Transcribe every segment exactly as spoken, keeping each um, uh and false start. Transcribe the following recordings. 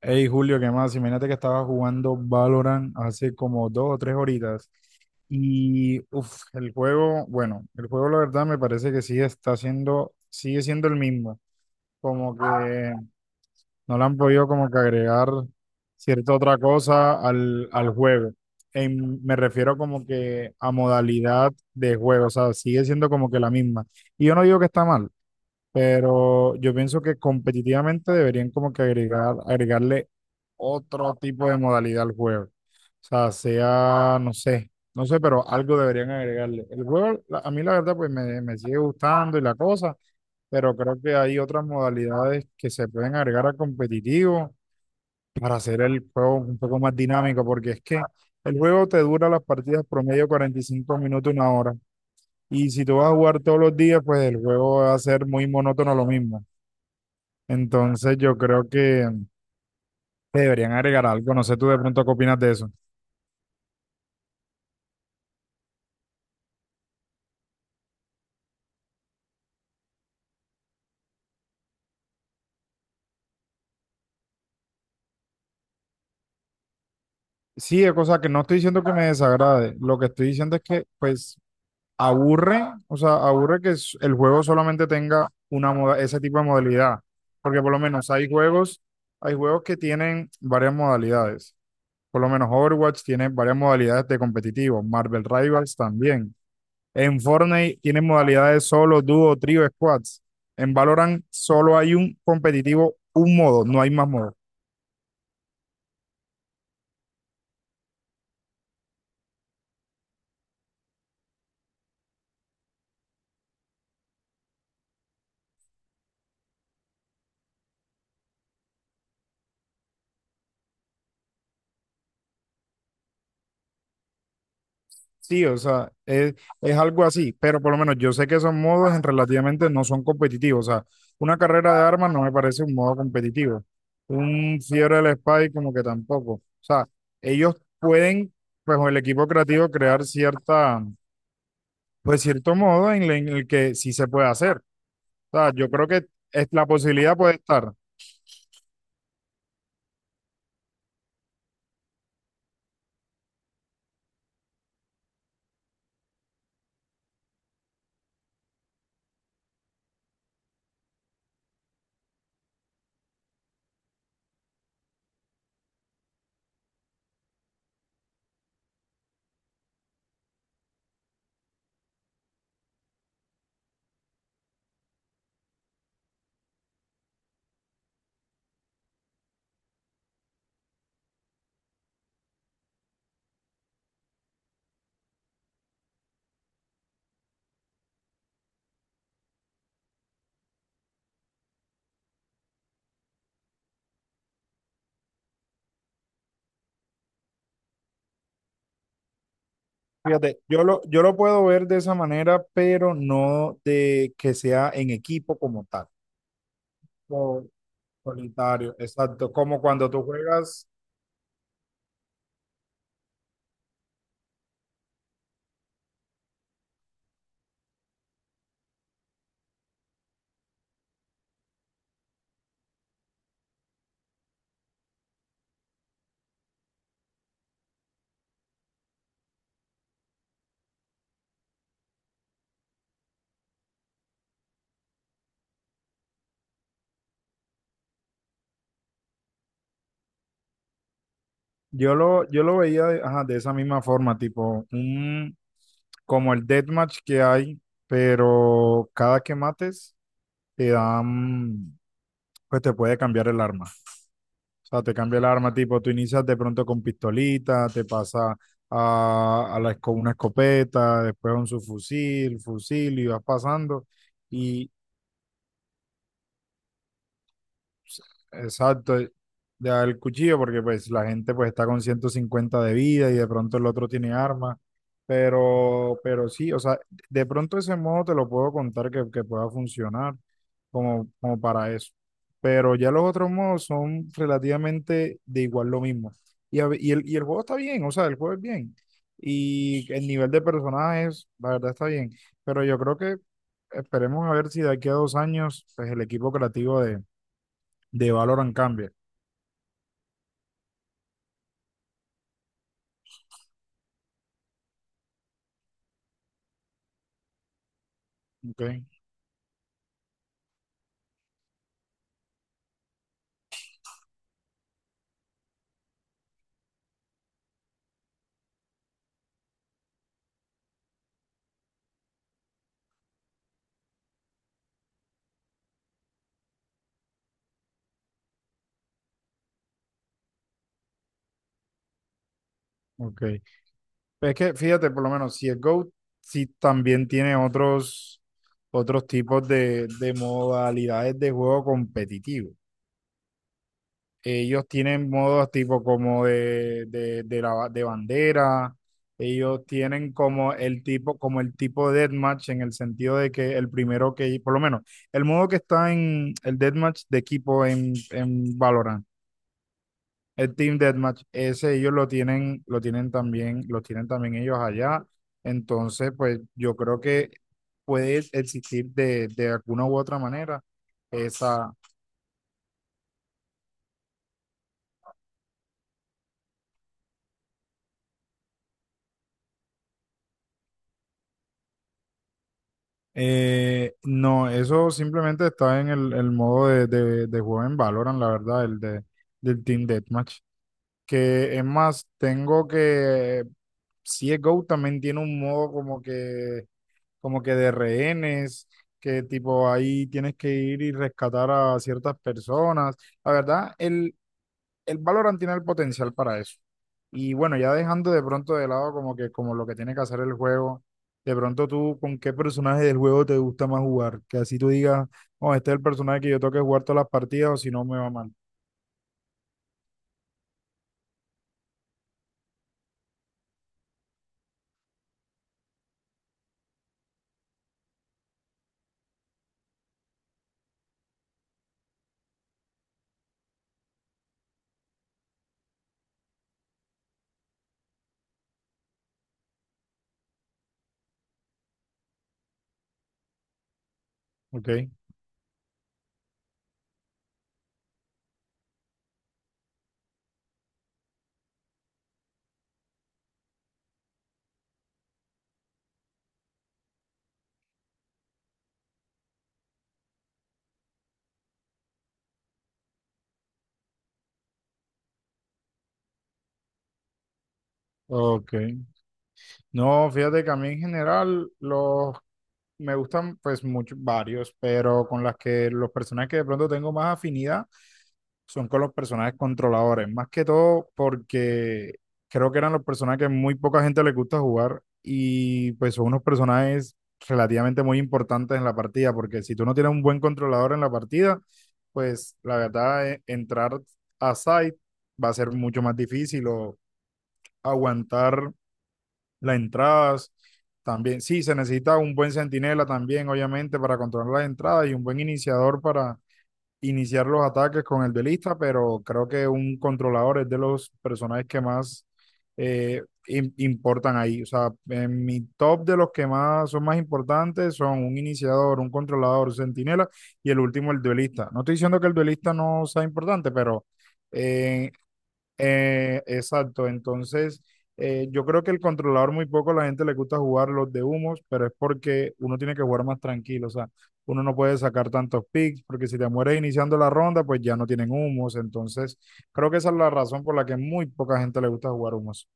Hey Julio, ¿qué más? Imagínate que estaba jugando Valorant hace como dos o tres horitas y uf, el juego, bueno, el juego la verdad me parece que sigue está siendo, sigue siendo el mismo, como que no le han podido como que agregar cierta otra cosa al, al juego. En- me refiero como que a modalidad de juego, o sea, sigue siendo como que la misma. Y yo no digo que está mal, pero yo pienso que competitivamente deberían como que agregar, agregarle otro tipo de modalidad al juego. O sea, sea, no sé, no sé, pero algo deberían agregarle. El juego, la- a mí la verdad, pues me, me sigue gustando y la cosa, pero creo que hay otras modalidades que se pueden agregar al competitivo para hacer el juego un poco más dinámico, porque es que el juego te dura las partidas promedio cuarenta y cinco minutos, una hora. Y si tú vas a jugar todos los días, pues el juego va a ser muy monótono lo mismo. Entonces yo creo que deberían agregar algo. No sé tú de pronto qué opinas de eso. Sí, o sea, que no estoy diciendo que me desagrade, lo que estoy diciendo es que, pues, aburre, o sea, aburre que s- el juego solamente tenga una moda, ese tipo de modalidad, porque por lo menos hay juegos, hay juegos que tienen varias modalidades, por lo menos Overwatch tiene varias modalidades de competitivo, Marvel Rivals también, en Fortnite tienen modalidades solo, dúo, trío, squads, en Valorant solo hay un competitivo, un modo, no hay más modos. Sí, o sea, es, es algo así, pero por lo menos yo sé que esos modos en relativamente no son competitivos. O sea, una carrera de armas no me parece un modo competitivo. Un Fiebre del Spy como que tampoco. O sea, ellos pueden, pues con el equipo creativo, crear cierta, pues cierto modo en, el en el que sí se puede hacer. O sea, yo creo que es, la posibilidad puede estar. Fíjate, yo lo, yo lo puedo ver de esa manera, pero no de que sea en equipo como tal. Solitario, exacto. Como cuando tú juegas, yo lo, yo lo veía de, ajá, de esa misma forma, tipo, un, como el deathmatch que hay, pero cada que mates te dan, pues te puede cambiar el arma. O sea, te cambia el arma, tipo, tú inicias de pronto con pistolita, te pasa a, a la, esco- una escopeta, después a un subfusil, fusil y vas pasando. Exacto, de dar el cuchillo porque pues la gente pues está con ciento cincuenta de vida y de pronto el otro tiene armas, pero, pero sí, o sea, de pronto ese modo te lo puedo contar que, que pueda funcionar como, como para eso, pero ya los otros modos son relativamente de igual lo mismo. Y, a ve- y, el, y el juego está bien, o sea, el juego es bien. Y el nivel de personajes, la verdad está bien, pero yo creo que esperemos a ver si de aquí a dos años, pues el equipo creativo de Valorant cambia. Ok, ok. Pero es que fíjate, por lo menos, si es Go, sí también tiene otros, otros tipos de, de modalidades de juego competitivo. Ellos tienen modos tipo como de, de, de la, ba- de bandera. Ellos tienen como el tipo, como el tipo de deathmatch en el sentido de que el primero que, por lo menos, el modo que está en el deathmatch de equipo en, en Valorant. El Team Deathmatch, ese ellos lo tienen, lo tienen también, los tienen también ellos allá. Entonces, pues yo creo que puede existir de, de alguna u otra manera esa. Eh, no, eso simplemente está en el, el modo de, de, de juego en Valorant, la verdad, el de, del Team Deathmatch. Que es más, tengo que. C S G O también tiene un modo como que como que de rehenes, que tipo ahí tienes que ir y rescatar a ciertas personas. La verdad, el, el Valorant tiene el potencial para eso. Y bueno, ya dejando de pronto de lado como que como lo que tiene que hacer el juego, de pronto tú con qué personaje del juego te gusta más jugar, que así tú digas, oh, este es el personaje que yo tengo que jugar todas las partidas o si no me va mal. Ok, ok. No, fíjate que a mí en general los me gustan pues muchos varios, pero con las que los personajes que de pronto tengo más afinidad son con los personajes controladores, más que todo porque creo que eran los personajes que muy poca gente le gusta jugar y pues son unos personajes relativamente muy importantes en la partida, porque si tú no tienes un buen controlador en la partida, pues la verdad eh, entrar a site va a ser mucho más difícil o aguantar las entradas. También, sí, se necesita un buen centinela también, obviamente, para controlar las entradas y un buen iniciador para iniciar los ataques con el duelista, pero creo que un controlador es de los personajes que más eh, im- importan ahí. O sea, en mi top de los que más son más importantes son un iniciador, un controlador, un centinela y el último, el duelista. No estoy diciendo que el duelista no sea importante, pero eh, eh, exacto, entonces eh, yo creo que el controlador muy poco a la gente le gusta jugar los de humos, pero es porque uno tiene que jugar más tranquilo, o sea, uno no puede sacar tantos picks, porque si te mueres iniciando la ronda, pues ya no tienen humos, entonces creo que esa es la razón por la que muy poca gente le gusta jugar humos.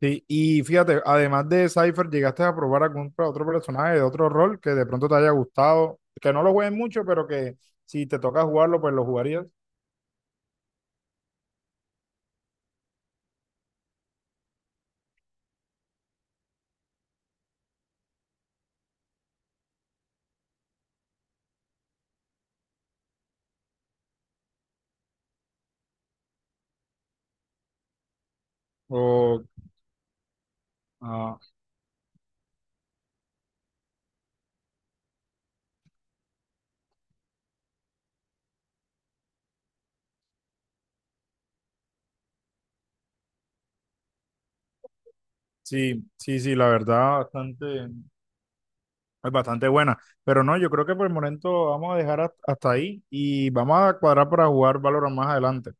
Sí, y fíjate, además de Cypher, ¿llegaste a probar algún pro- otro personaje de otro rol que de pronto te haya gustado? Que no lo jueguen mucho, pero que si te toca jugarlo, pues lo jugarías. O, sí, sí, sí, la verdad bastante, es bastante buena. Pero no, yo creo que por el momento vamos a dejar hasta hasta ahí y vamos a cuadrar para jugar Valorant más adelante.